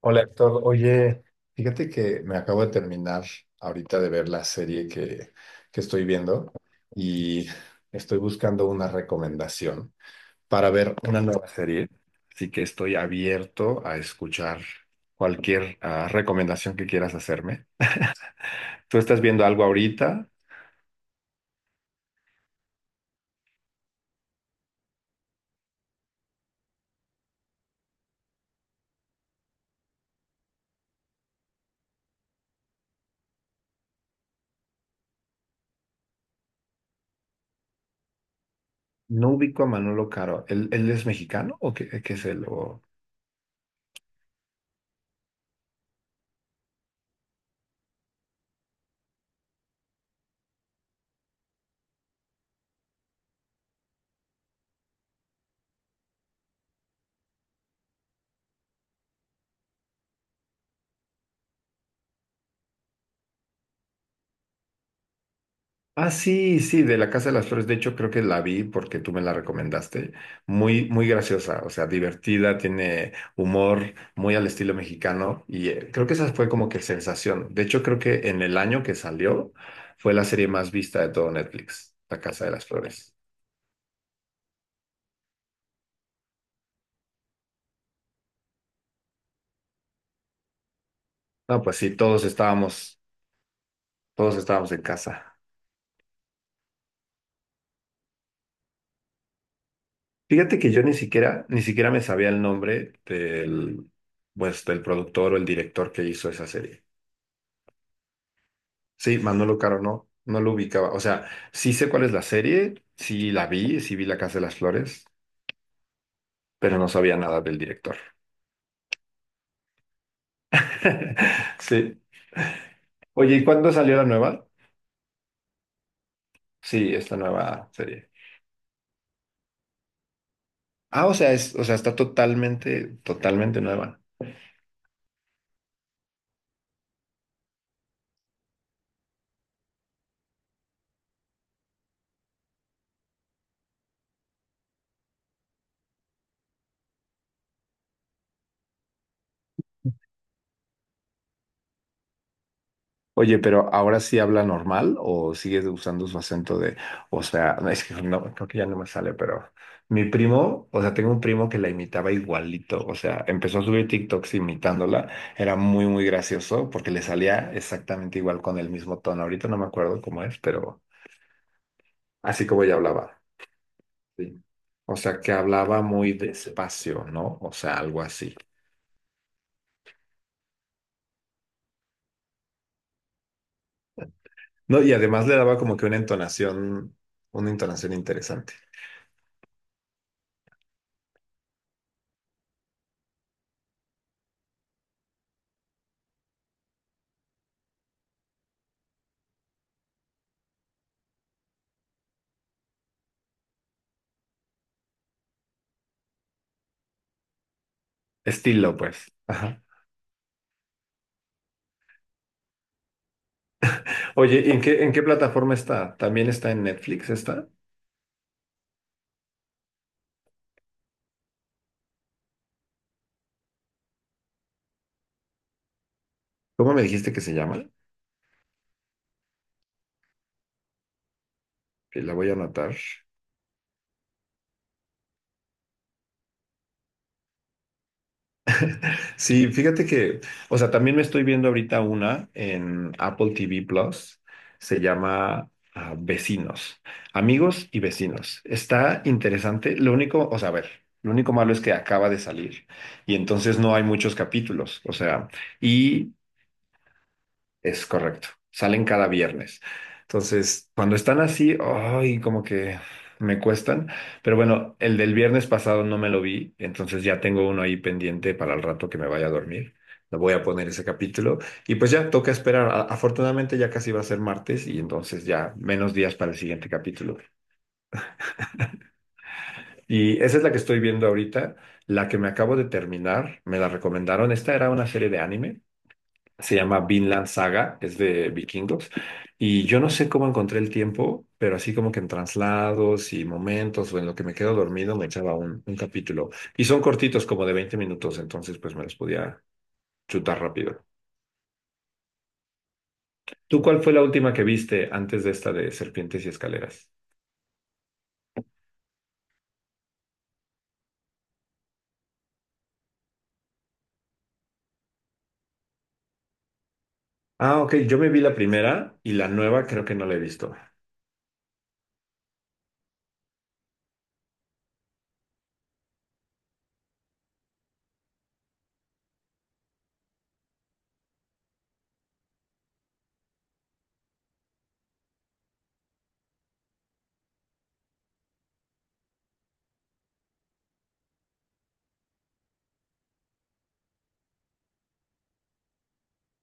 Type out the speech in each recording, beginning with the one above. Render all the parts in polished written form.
Hola Héctor, oye, fíjate que me acabo de terminar ahorita de ver la serie que estoy viendo y estoy buscando una recomendación para ver una nueva serie, así que estoy abierto a escuchar cualquier recomendación que quieras hacerme. ¿Tú estás viendo algo ahorita? No ubico a Manolo Caro. ¿Él es mexicano o qué es él? Ah, sí, sí, de la Casa de las Flores. De hecho, creo que la vi porque tú me la recomendaste. Muy, muy graciosa, o sea, divertida, tiene humor muy al estilo mexicano y creo que esa fue como que sensación. De hecho, creo que en el año que salió fue la serie más vista de todo Netflix, La Casa de las Flores. No, pues sí, todos estábamos en casa. Fíjate que yo ni siquiera me sabía el nombre del, pues, del productor o el director que hizo esa serie. Sí, Manolo Caro no lo ubicaba. O sea, sí sé cuál es la serie, sí la vi, sí vi La Casa de las Flores, pero no sabía nada del director. Sí. Oye, ¿y cuándo salió la nueva? Sí, esta nueva serie. Ah, o sea, es, o sea, está totalmente nueva. Oye, pero ahora sí habla normal o sigues usando su acento de, o sea, no, es que no, creo que ya no me sale, pero mi primo, o sea, tengo un primo que la imitaba igualito, o sea, empezó a subir TikToks imitándola, era muy, muy gracioso porque le salía exactamente igual con el mismo tono. Ahorita no me acuerdo cómo es, pero así como ella hablaba, sí. O sea, que hablaba muy despacio, ¿no? O sea, algo así. No, y además le daba como que una entonación interesante. Estilo, pues. Ajá. Oye, ¿y en qué plataforma está? ¿También está en Netflix esta? ¿Cómo me dijiste que se llama? Que la voy a anotar. Sí, fíjate que, o sea, también me estoy viendo ahorita una en Apple TV Plus. Se llama Vecinos, Amigos y Vecinos. Está interesante. Lo único, o sea, a ver, lo único malo es que acaba de salir y entonces no hay muchos capítulos. O sea, y Es correcto. Salen cada viernes. Entonces, cuando están así, ay, como que me cuestan. Pero bueno, el del viernes pasado no me lo vi, entonces ya tengo uno ahí pendiente para el rato que me vaya a dormir. Le voy a poner ese capítulo. Y pues ya toca esperar. A- Afortunadamente ya casi va a ser martes y entonces ya menos días para el siguiente capítulo. Y esa es la que estoy viendo ahorita. La que me acabo de terminar, me la recomendaron. Esta era una serie de anime. Se llama Vinland Saga, es de vikingos. Y yo no sé cómo encontré el tiempo, pero así como que en traslados y momentos o en lo que me quedo dormido me echaba un capítulo. Y son cortitos, como de 20 minutos, entonces pues me los podía chutar rápido. ¿Tú cuál fue la última que viste antes de esta de Serpientes y Escaleras? Ah, ok, yo me vi la primera y la nueva creo que no la he visto.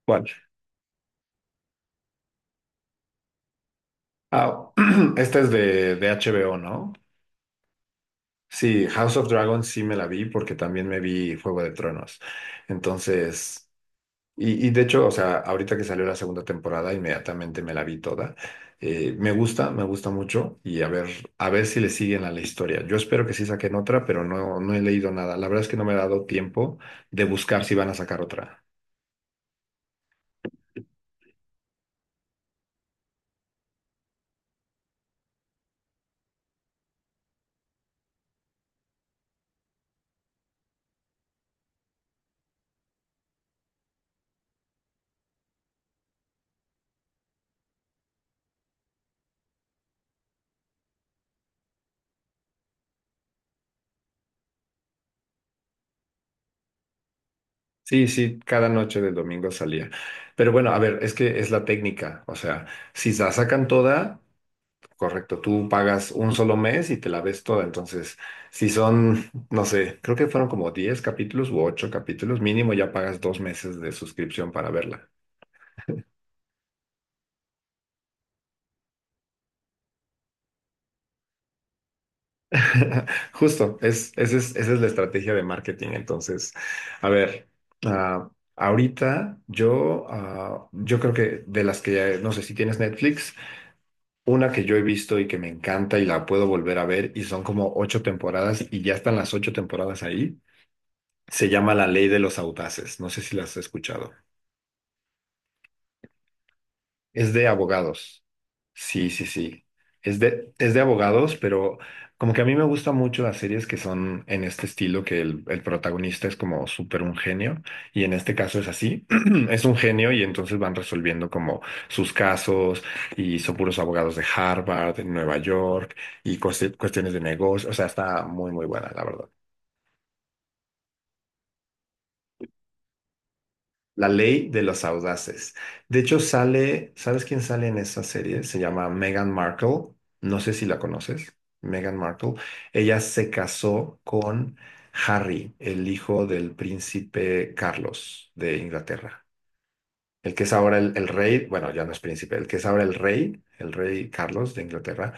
¿Cuál? Ah, esta es de HBO, ¿no? Sí, House of Dragons sí me la vi porque también me vi Juego de Tronos. Entonces, y de hecho, o sea, ahorita que salió la segunda temporada, inmediatamente me la vi toda. Me gusta mucho y a ver si le siguen a la historia. Yo espero que sí saquen otra, pero no he leído nada. La verdad es que no me ha dado tiempo de buscar si van a sacar otra. Sí, sí, cada noche de domingo salía. Pero bueno, a ver, es que es la técnica. O sea, si la sacan toda... Correcto, tú pagas un solo mes y te la ves toda. Entonces, si son, no sé, creo que fueron como 10 capítulos u 8 capítulos, mínimo ya pagas dos meses de suscripción para verla. Justo, esa es la estrategia de marketing. Entonces, a ver, ah, ahorita yo, yo creo que de las que ya, no sé si tienes Netflix, una que yo he visto y que me encanta y la puedo volver a ver y son como 8 temporadas y ya están las 8 temporadas ahí. Se llama La Ley de los Audaces. No sé si la has escuchado. Es de abogados. Sí, sí, sí. Es es de abogados, pero como que a mí me gustan mucho las series que son en este estilo, que el protagonista es como súper un genio, y en este caso es así, es un genio y entonces van resolviendo como sus casos y son puros abogados de Harvard, de Nueva York y cuestiones de negocio, o sea, está muy, muy buena, la verdad. La ley de los audaces. De hecho, sale, ¿sabes quién sale en esa serie? Se llama Meghan Markle. No sé si la conoces. Meghan Markle. Ella se casó con Harry, el hijo del príncipe Carlos de Inglaterra. El que es ahora el rey, bueno, ya no es príncipe, el que es ahora el rey Carlos de Inglaterra,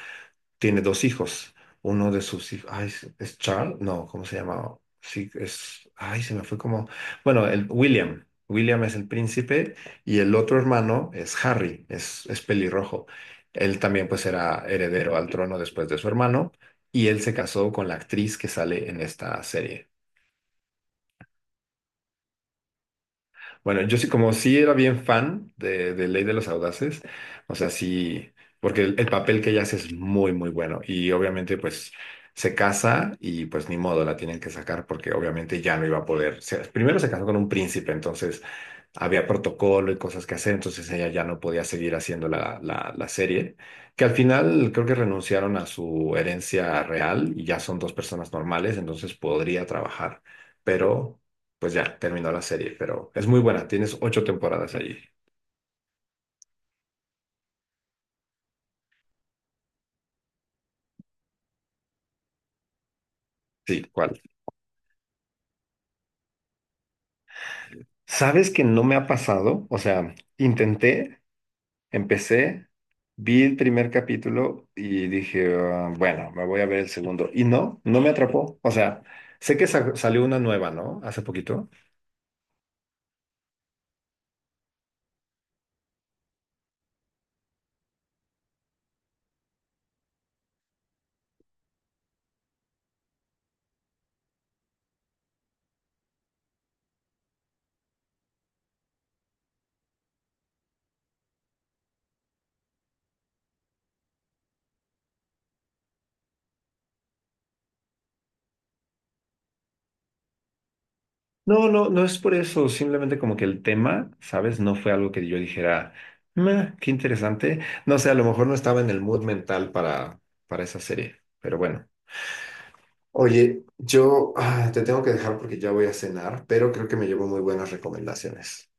tiene dos hijos. Uno de sus hijos, ay, es Charles? No, ¿cómo se llama? Sí, es, ay, se me fue como, bueno, el William. William es el príncipe y el otro hermano es Harry, es pelirrojo. Él también pues era heredero al trono después de su hermano y él se casó con la actriz que sale en esta serie. Bueno, yo sí, como sí era bien fan de Ley de los Audaces, o sea, sí, porque el papel que ella hace es muy, muy bueno. Y obviamente, pues, se casa y pues ni modo, la tienen que sacar porque obviamente ya no iba a poder. Primero se casó con un príncipe, entonces había protocolo y cosas que hacer, entonces ella ya no podía seguir haciendo la serie, que al final creo que renunciaron a su herencia real y ya son dos personas normales, entonces podría trabajar, pero pues ya terminó la serie, pero es muy buena, tienes 8 temporadas allí. Sí, ¿cuál? ¿Sabes que no me ha pasado? O sea, intenté. Empecé, vi el primer capítulo y dije, "Ah, bueno, me voy a ver el segundo. Y no, no me atrapó. O sea, sé que salió una nueva, ¿no? Hace poquito. No es por eso. Simplemente como que el tema, ¿sabes? No fue algo que yo dijera, "Meh, qué interesante. No sé, a lo mejor no estaba en el mood mental para esa serie, pero bueno. Oye, yo te tengo que dejar porque ya voy a cenar, pero creo que me llevo muy buenas recomendaciones.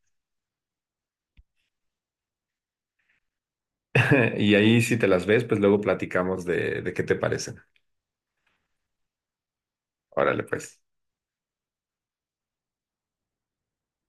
Y ahí si te las ves, pues luego platicamos de qué te parecen. Órale, pues.